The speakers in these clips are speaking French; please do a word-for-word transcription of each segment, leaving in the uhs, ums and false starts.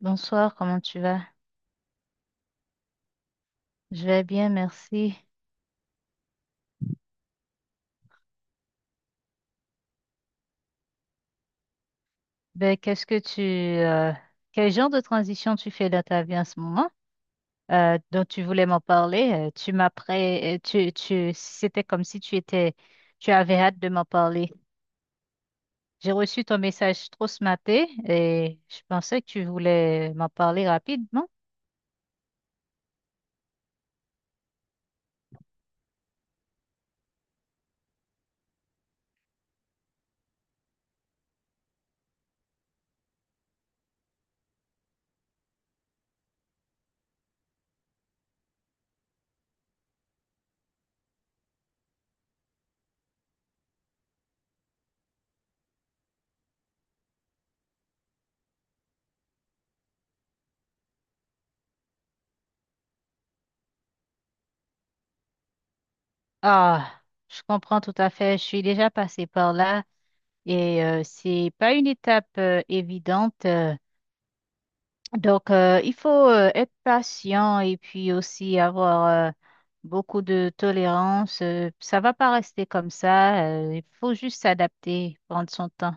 Bonsoir, comment tu vas? Je vais bien, merci. Ben, qu'est-ce que tu, euh, quel genre de transition tu fais dans ta vie en ce moment? Euh, dont tu voulais m'en parler. euh, tu m'apprêts, euh, tu, tu, c'était comme si tu étais, tu avais hâte de m'en parler. J'ai reçu ton message trop ce matin et je pensais que tu voulais m'en parler rapidement. Ah, je comprends tout à fait. Je suis déjà passée par là et euh, c'est pas une étape euh, évidente. euh, Donc, euh, il faut euh, être patient et puis aussi avoir euh, beaucoup de tolérance. Euh, ça va pas rester comme ça. Euh, il faut juste s'adapter, prendre son temps.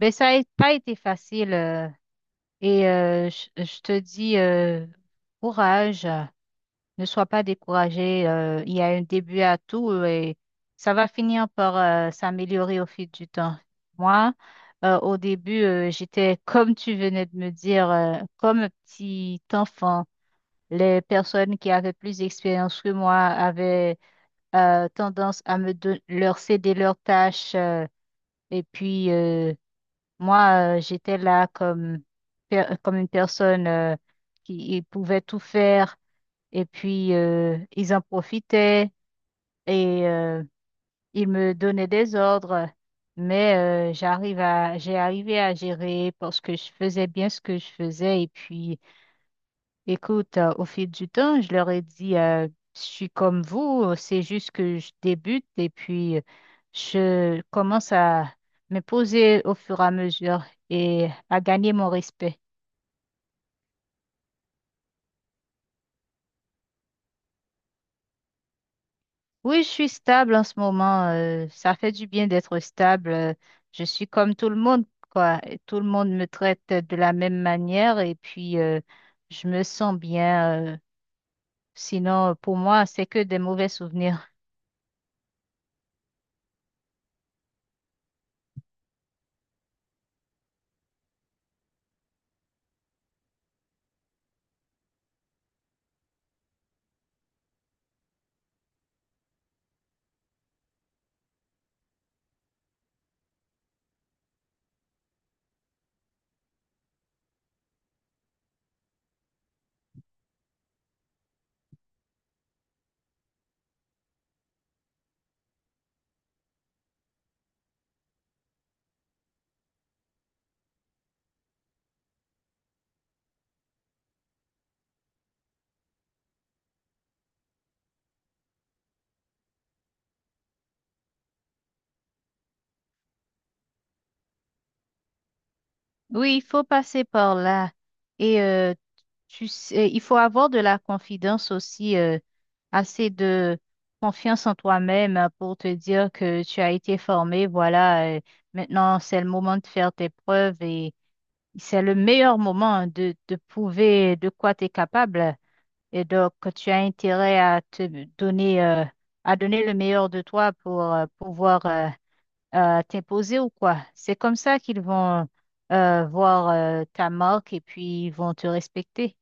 Mais ça n'a pas été facile. Euh, et euh, je je te dis euh, courage. Ne sois pas découragé. Euh, il y a un début à tout et ça va finir par euh, s'améliorer au fil du temps. Moi, euh, au début, euh, j'étais comme tu venais de me dire, euh, comme un petit enfant. Les personnes qui avaient plus d'expérience que moi avaient euh, tendance à me don- leur céder leurs tâches. Euh, et puis, euh, moi, euh, j'étais là comme, per- comme une personne euh, qui pouvait tout faire. Et puis, euh, ils en profitaient et euh, ils me donnaient des ordres. Mais euh, j'arrive à, j'ai arrivé à gérer parce que je faisais bien ce que je faisais. Et puis, écoute, euh, au fil du temps, je leur ai dit, euh, je suis comme vous, euh, c'est juste que je débute et puis euh, je commence à me poser au fur et à mesure et à gagner mon respect. Oui, je suis stable en ce moment. Euh, ça fait du bien d'être stable. Euh, je suis comme tout le monde, quoi. Et tout le monde me traite de la même manière et puis euh, je me sens bien. Euh, sinon, pour moi, c'est que des mauvais souvenirs. Oui, il faut passer par là. Et euh, tu sais, il faut avoir de la confidence aussi, euh, assez de confiance en toi-même hein, pour te dire que tu as été formé. Voilà, euh, maintenant c'est le moment de faire tes preuves et c'est le meilleur moment de, de prouver de quoi tu es capable. Et donc, tu as intérêt à te donner, euh, à donner le meilleur de toi pour euh, pouvoir, euh, euh, t'imposer ou quoi. C'est comme ça qu'ils vont euh, voir euh, ta marque et puis ils vont te respecter.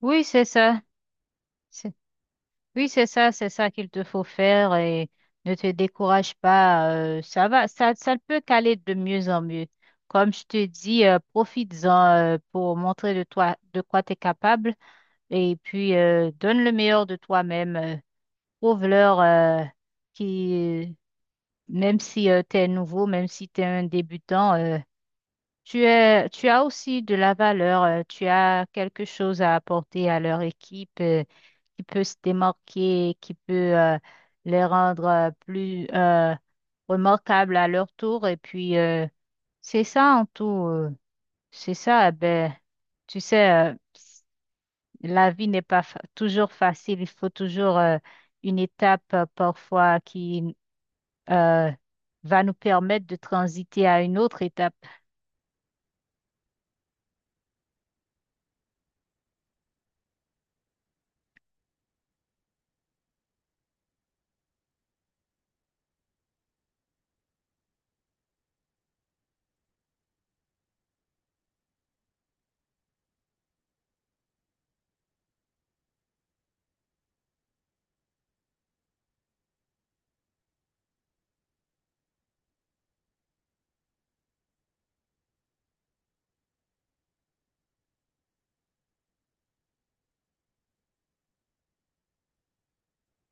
Oui, c'est ça. C'est- Oui, c'est ça, c'est ça qu'il te faut faire et ne te décourage pas. Euh, ça va, ça, ça ne peut qu'aller de mieux en mieux. Comme je te dis, euh, profites-en euh, pour montrer de toi de quoi tu es capable et puis euh, donne le meilleur de toi-même. Euh, prouve-leur euh, qui, même si tu es nouveau, même si tu es un débutant, euh, tu es, tu as aussi de la valeur, euh, tu as quelque chose à apporter à leur équipe euh, qui peut se démarquer, qui peut euh, les rendre euh, plus euh, remarquables à leur tour. Et puis, euh, c'est ça en tout, euh, c'est ça. Eh ben, tu sais, euh, la vie n'est pas fa- toujours facile. Il faut toujours euh, une étape euh, parfois qui euh, va nous permettre de transiter à une autre étape.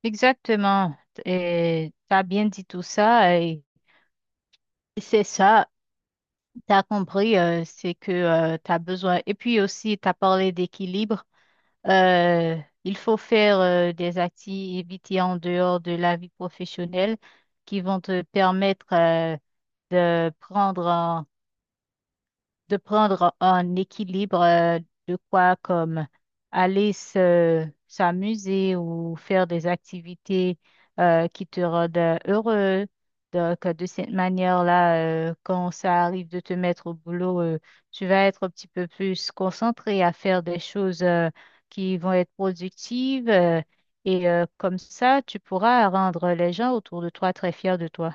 Exactement. Et t'as bien dit tout ça et c'est ça, t'as compris, euh, c'est que euh, tu as besoin. Et puis aussi, t'as parlé d'équilibre. Euh, il faut faire euh, des activités en dehors de la vie professionnelle qui vont te permettre euh, de prendre de prendre en équilibre euh, de quoi comme aller se s'amuser ou faire des activités euh, qui te rendent euh, heureux. Donc, euh, de cette manière-là, euh, quand ça arrive de te mettre au boulot, euh, tu vas être un petit peu plus concentré à faire des choses euh, qui vont être productives euh, et euh, comme ça, tu pourras rendre les gens autour de toi très fiers de toi.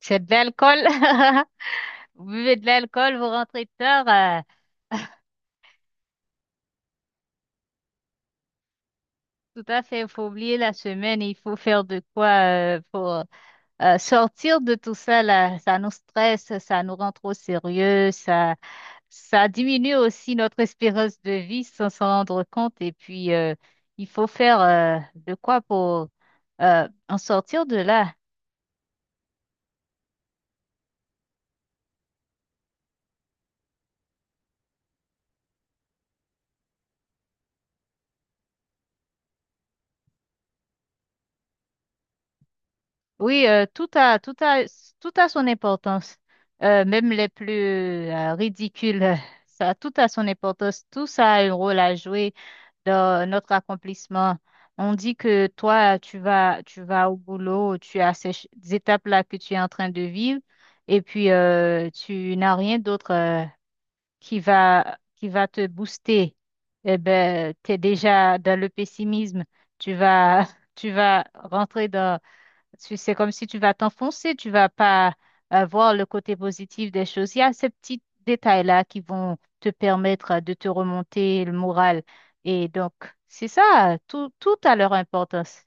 C'est de l'alcool. Vous buvez de l'alcool, vous rentrez tard. euh, Tout à fait, il faut oublier la semaine, il faut faire de quoi euh, pour euh, sortir de tout ça là. Ça nous stresse, ça nous rend trop sérieux, ça, ça diminue aussi notre espérance de vie sans s'en rendre compte. Et puis, euh, il faut faire euh, de quoi pour euh, en sortir de là. Oui, euh, tout a, tout a, tout a son importance. Euh, même les plus euh, ridicules, ça, tout a son importance. Tout ça a un rôle à jouer. dans notre accomplissement. On dit que toi, tu vas, tu vas au boulot, tu as ces ch- ces étapes-là que tu es en train de vivre, et puis euh, tu n'as rien d'autre euh, qui va, qui va te booster. Eh ben, tu es déjà dans le pessimisme. Tu vas, tu vas rentrer dans parce que c'est comme si tu vas t'enfoncer, tu vas pas euh, voir le côté positif des choses. Il y a ces petits détails-là qui vont te permettre euh, de te remonter le moral. Et donc, c'est ça, tout, tout a leur importance.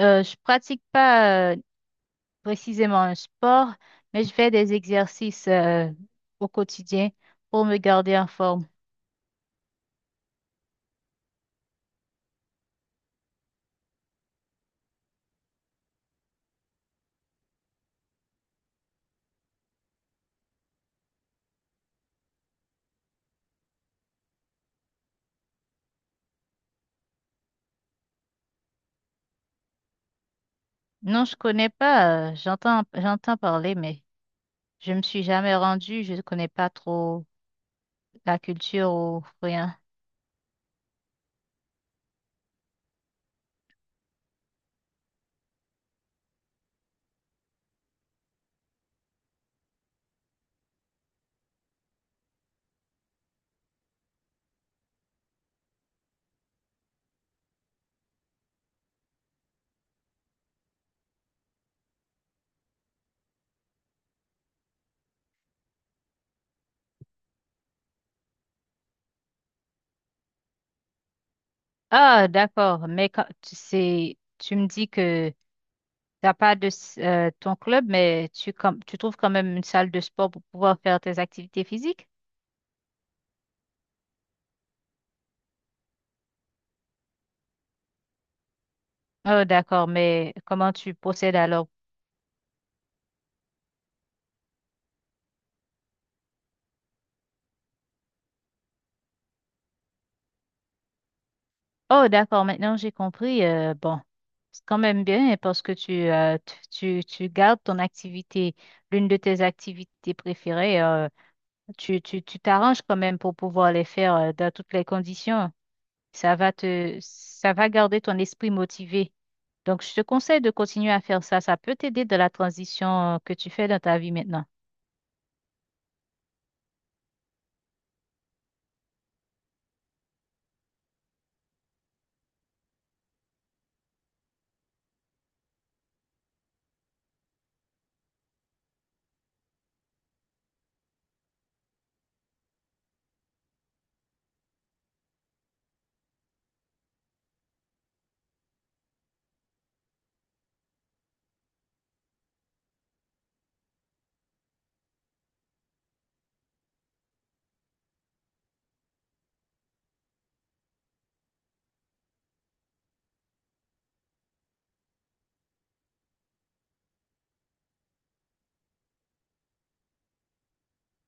Euh, je pratique pas euh, précisément un sport, mais je fais des exercices euh, au quotidien pour me garder en forme. Non, je connais pas, euh, j'entends, j'entends parler, mais je me suis jamais rendue, je ne connais pas trop la culture ou rien. Ah, d'accord. Mais quand, tu sais, tu me dis que t'as pas de s- euh, ton club, mais tu, com- tu trouves quand même une salle de sport pour pouvoir faire tes activités physiques? Oh, d'accord. Mais comment tu procèdes alors? Oh, d'accord. Maintenant, j'ai compris. Euh, bon, c'est quand même bien parce que tu, euh, tu, tu tu gardes ton activité, l'une de tes activités préférées. Euh, tu, tu, tu t'arranges quand même pour pouvoir les faire euh, dans toutes les conditions. Ça va te, ça va garder ton esprit motivé. Donc, je te conseille de continuer à faire ça. Ça peut t'aider dans la transition euh, que tu fais dans ta vie maintenant.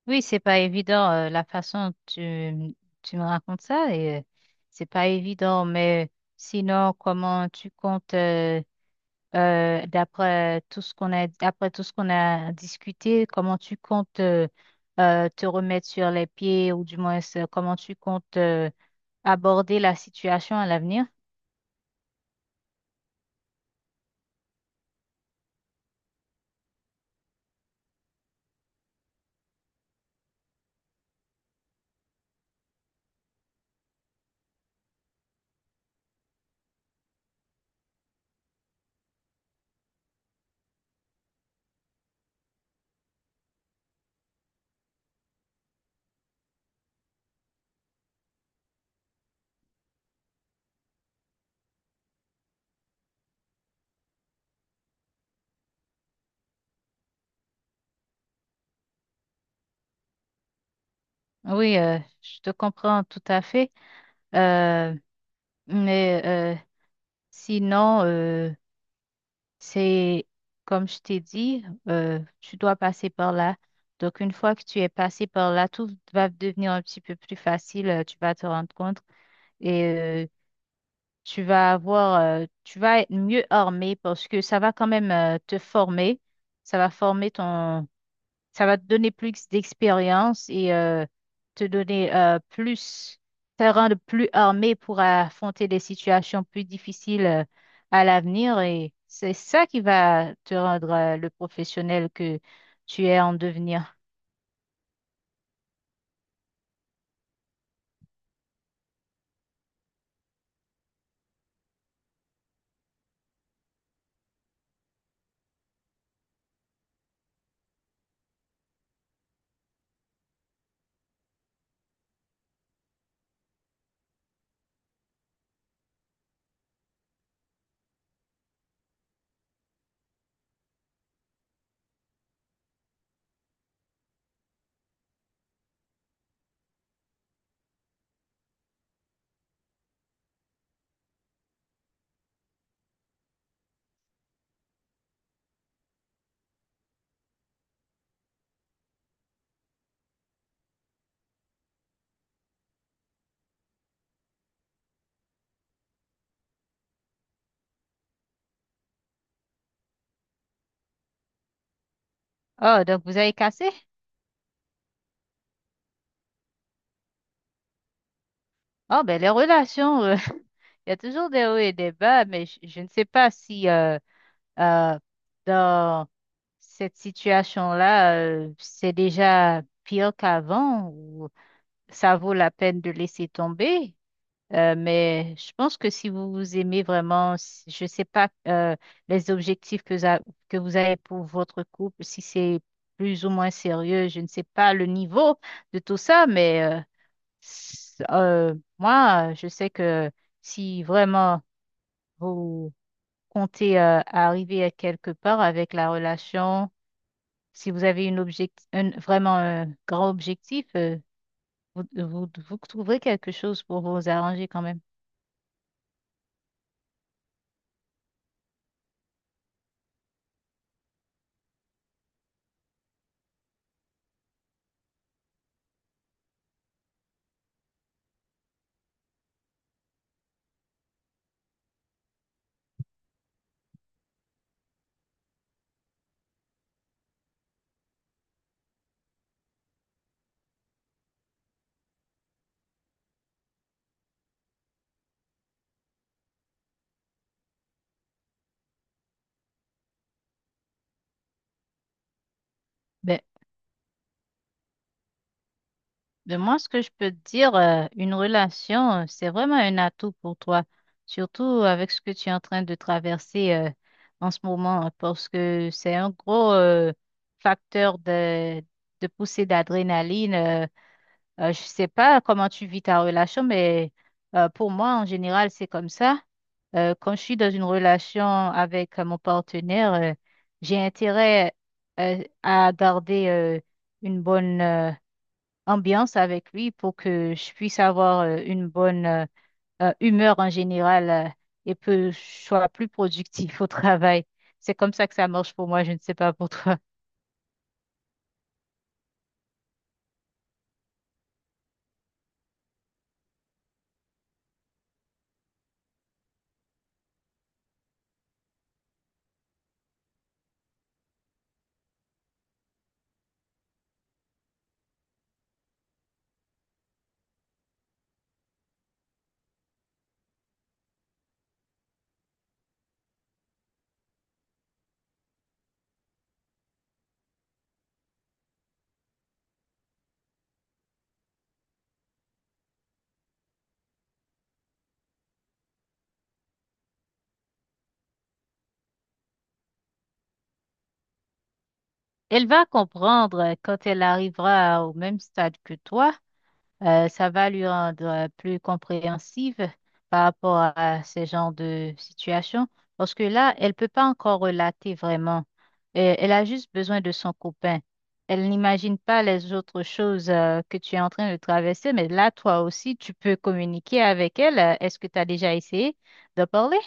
Oui, c'est pas évident, euh, la façon dont tu, tu me racontes ça, et, euh, c'est pas évident, mais sinon, comment tu comptes, euh, euh, d'après tout ce qu'on a, après tout ce qu'on a discuté, comment tu comptes, euh, euh, te remettre sur les pieds, ou du moins, euh, comment tu comptes, euh, aborder la situation à l'avenir? Oui, euh, je te comprends tout à fait. Euh, Mais euh, sinon, euh, c'est comme je t'ai dit, euh, tu dois passer par là. Donc, une fois que tu es passé par là, tout va devenir un petit peu plus facile. euh, Tu vas te rendre compte et euh, tu vas avoir, euh, tu vas être mieux armé parce que ça va quand même euh, te former. Ça va former ton, Ça va te donner plus d'expérience et euh, te donner euh, plus, te rendre plus armé pour affronter des situations plus difficiles euh, à l'avenir. Et c'est ça qui va te rendre euh, le professionnel que tu es en devenir. Oh, donc vous avez cassé? Oh, ben les relations, euh, il y a toujours des hauts et des bas, mais je, je ne sais pas si euh, euh, dans cette situation-là, euh, c'est déjà pire qu'avant. ou- ça vaut la peine de laisser tomber. Euh, mais je pense que si vous vous aimez vraiment, si- je ne sais pas euh, les objectifs que, za- que vous avez pour votre couple, si c'est plus ou moins sérieux, je ne sais pas le niveau de tout ça, mais euh, s- euh, moi, je sais que si vraiment vous comptez euh, arriver à quelque part avec la relation, si vous avez une object- un- vraiment un grand objectif, euh, vous, vous, vous trouverez quelque chose pour vous arranger quand même. Ben, ben moi, ce que je peux te dire, euh, une relation, euh, c'est vraiment un atout pour toi, surtout avec ce que tu es en train de traverser euh, en ce moment, hein, parce que c'est un gros euh, facteur de, de poussée d'adrénaline. Euh, Euh, je sais pas comment tu vis ta relation, mais euh, pour moi, en général, c'est comme ça. Euh, quand je suis dans une relation avec euh, mon partenaire, euh, j'ai intérêt euh, à garder euh, une bonne euh, ambiance avec lui pour que je puisse avoir euh, une bonne euh, euh, humeur en général euh, et que je sois plus productif au travail. C'est comme ça que ça marche pour moi, je ne sais pas pour toi. Elle va comprendre euh, quand elle arrivera au même stade que toi. Euh, ça va lui rendre euh, plus compréhensive par rapport à ce genre de situation, parce que là, elle peut pas encore relater vraiment. Euh, elle a juste besoin de son copain. Elle n'imagine pas les autres choses euh, que tu es en train de traverser, mais là, toi aussi, tu peux communiquer avec elle. Euh, Est-ce que tu as déjà essayé de parler?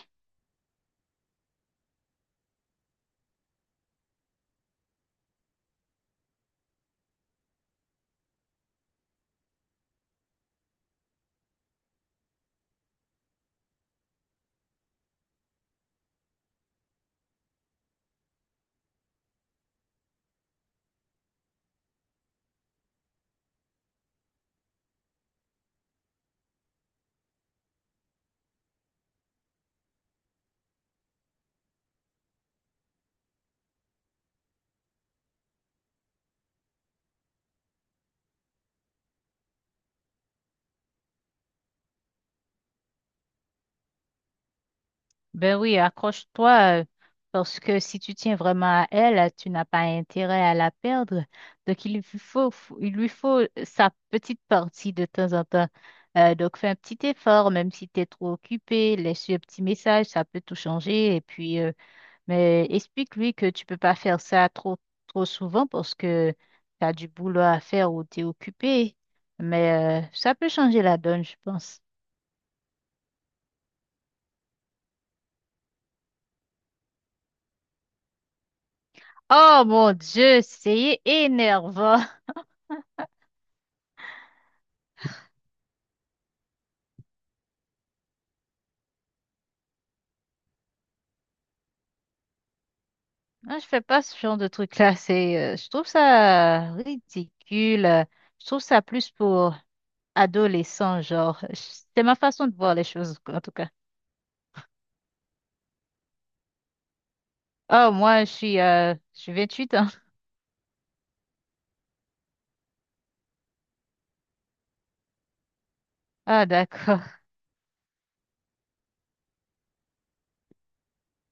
Ben oui, accroche-toi, euh, parce que si tu tiens vraiment à elle, euh, tu n'as pas intérêt à la perdre. Donc, il lui faut, faut- il lui faut sa petite partie de temps en temps. Euh, donc, fais un petit effort, même si tu es trop occupé, laisse-lui un petit message, ça peut tout changer. Et puis, euh, mais explique-lui que tu peux pas faire ça trop, trop souvent parce que tu as du boulot à faire ou tu es occupé. Mais euh, ça peut changer la donne, je pense. Oh mon Dieu, c'est énervant. Non, je fais pas ce genre de truc-là. C'est, euh, je trouve ça ridicule. Euh, Je trouve ça plus pour adolescents, genre. C'est ma façon de voir les choses, en tout cas. Oh, moi, je suis, euh, je suis vingt huit ans. Ah, d'accord.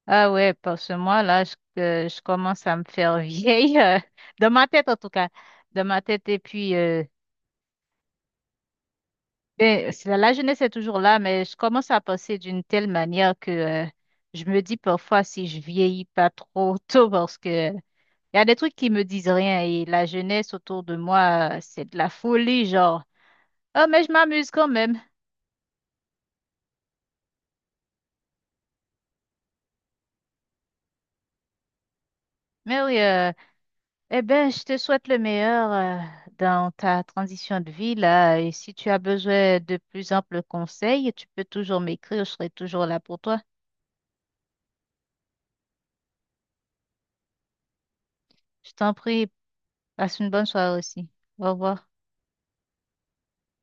Ah ouais, parce que moi, là, je, que je commence à me faire vieille. Euh, dans ma tête, en tout cas. Dans ma tête. Et puis, euh, ben, c'est- la, la jeunesse est toujours là, mais je commence à penser d'une telle manière que, euh, je me dis parfois si je vieillis pas trop tôt parce que Il y a des trucs qui me disent rien et la jeunesse autour de moi, euh, c'est de la folie, genre. Oh, mais je m'amuse quand même. Mais oui, euh, eh ben, je te souhaite le meilleur euh, dans ta transition de vie là. Et si tu as besoin de plus amples conseils, tu peux toujours m'écrire, je serai toujours là pour toi. Je t'en prie, passe une bonne soirée aussi. Au revoir.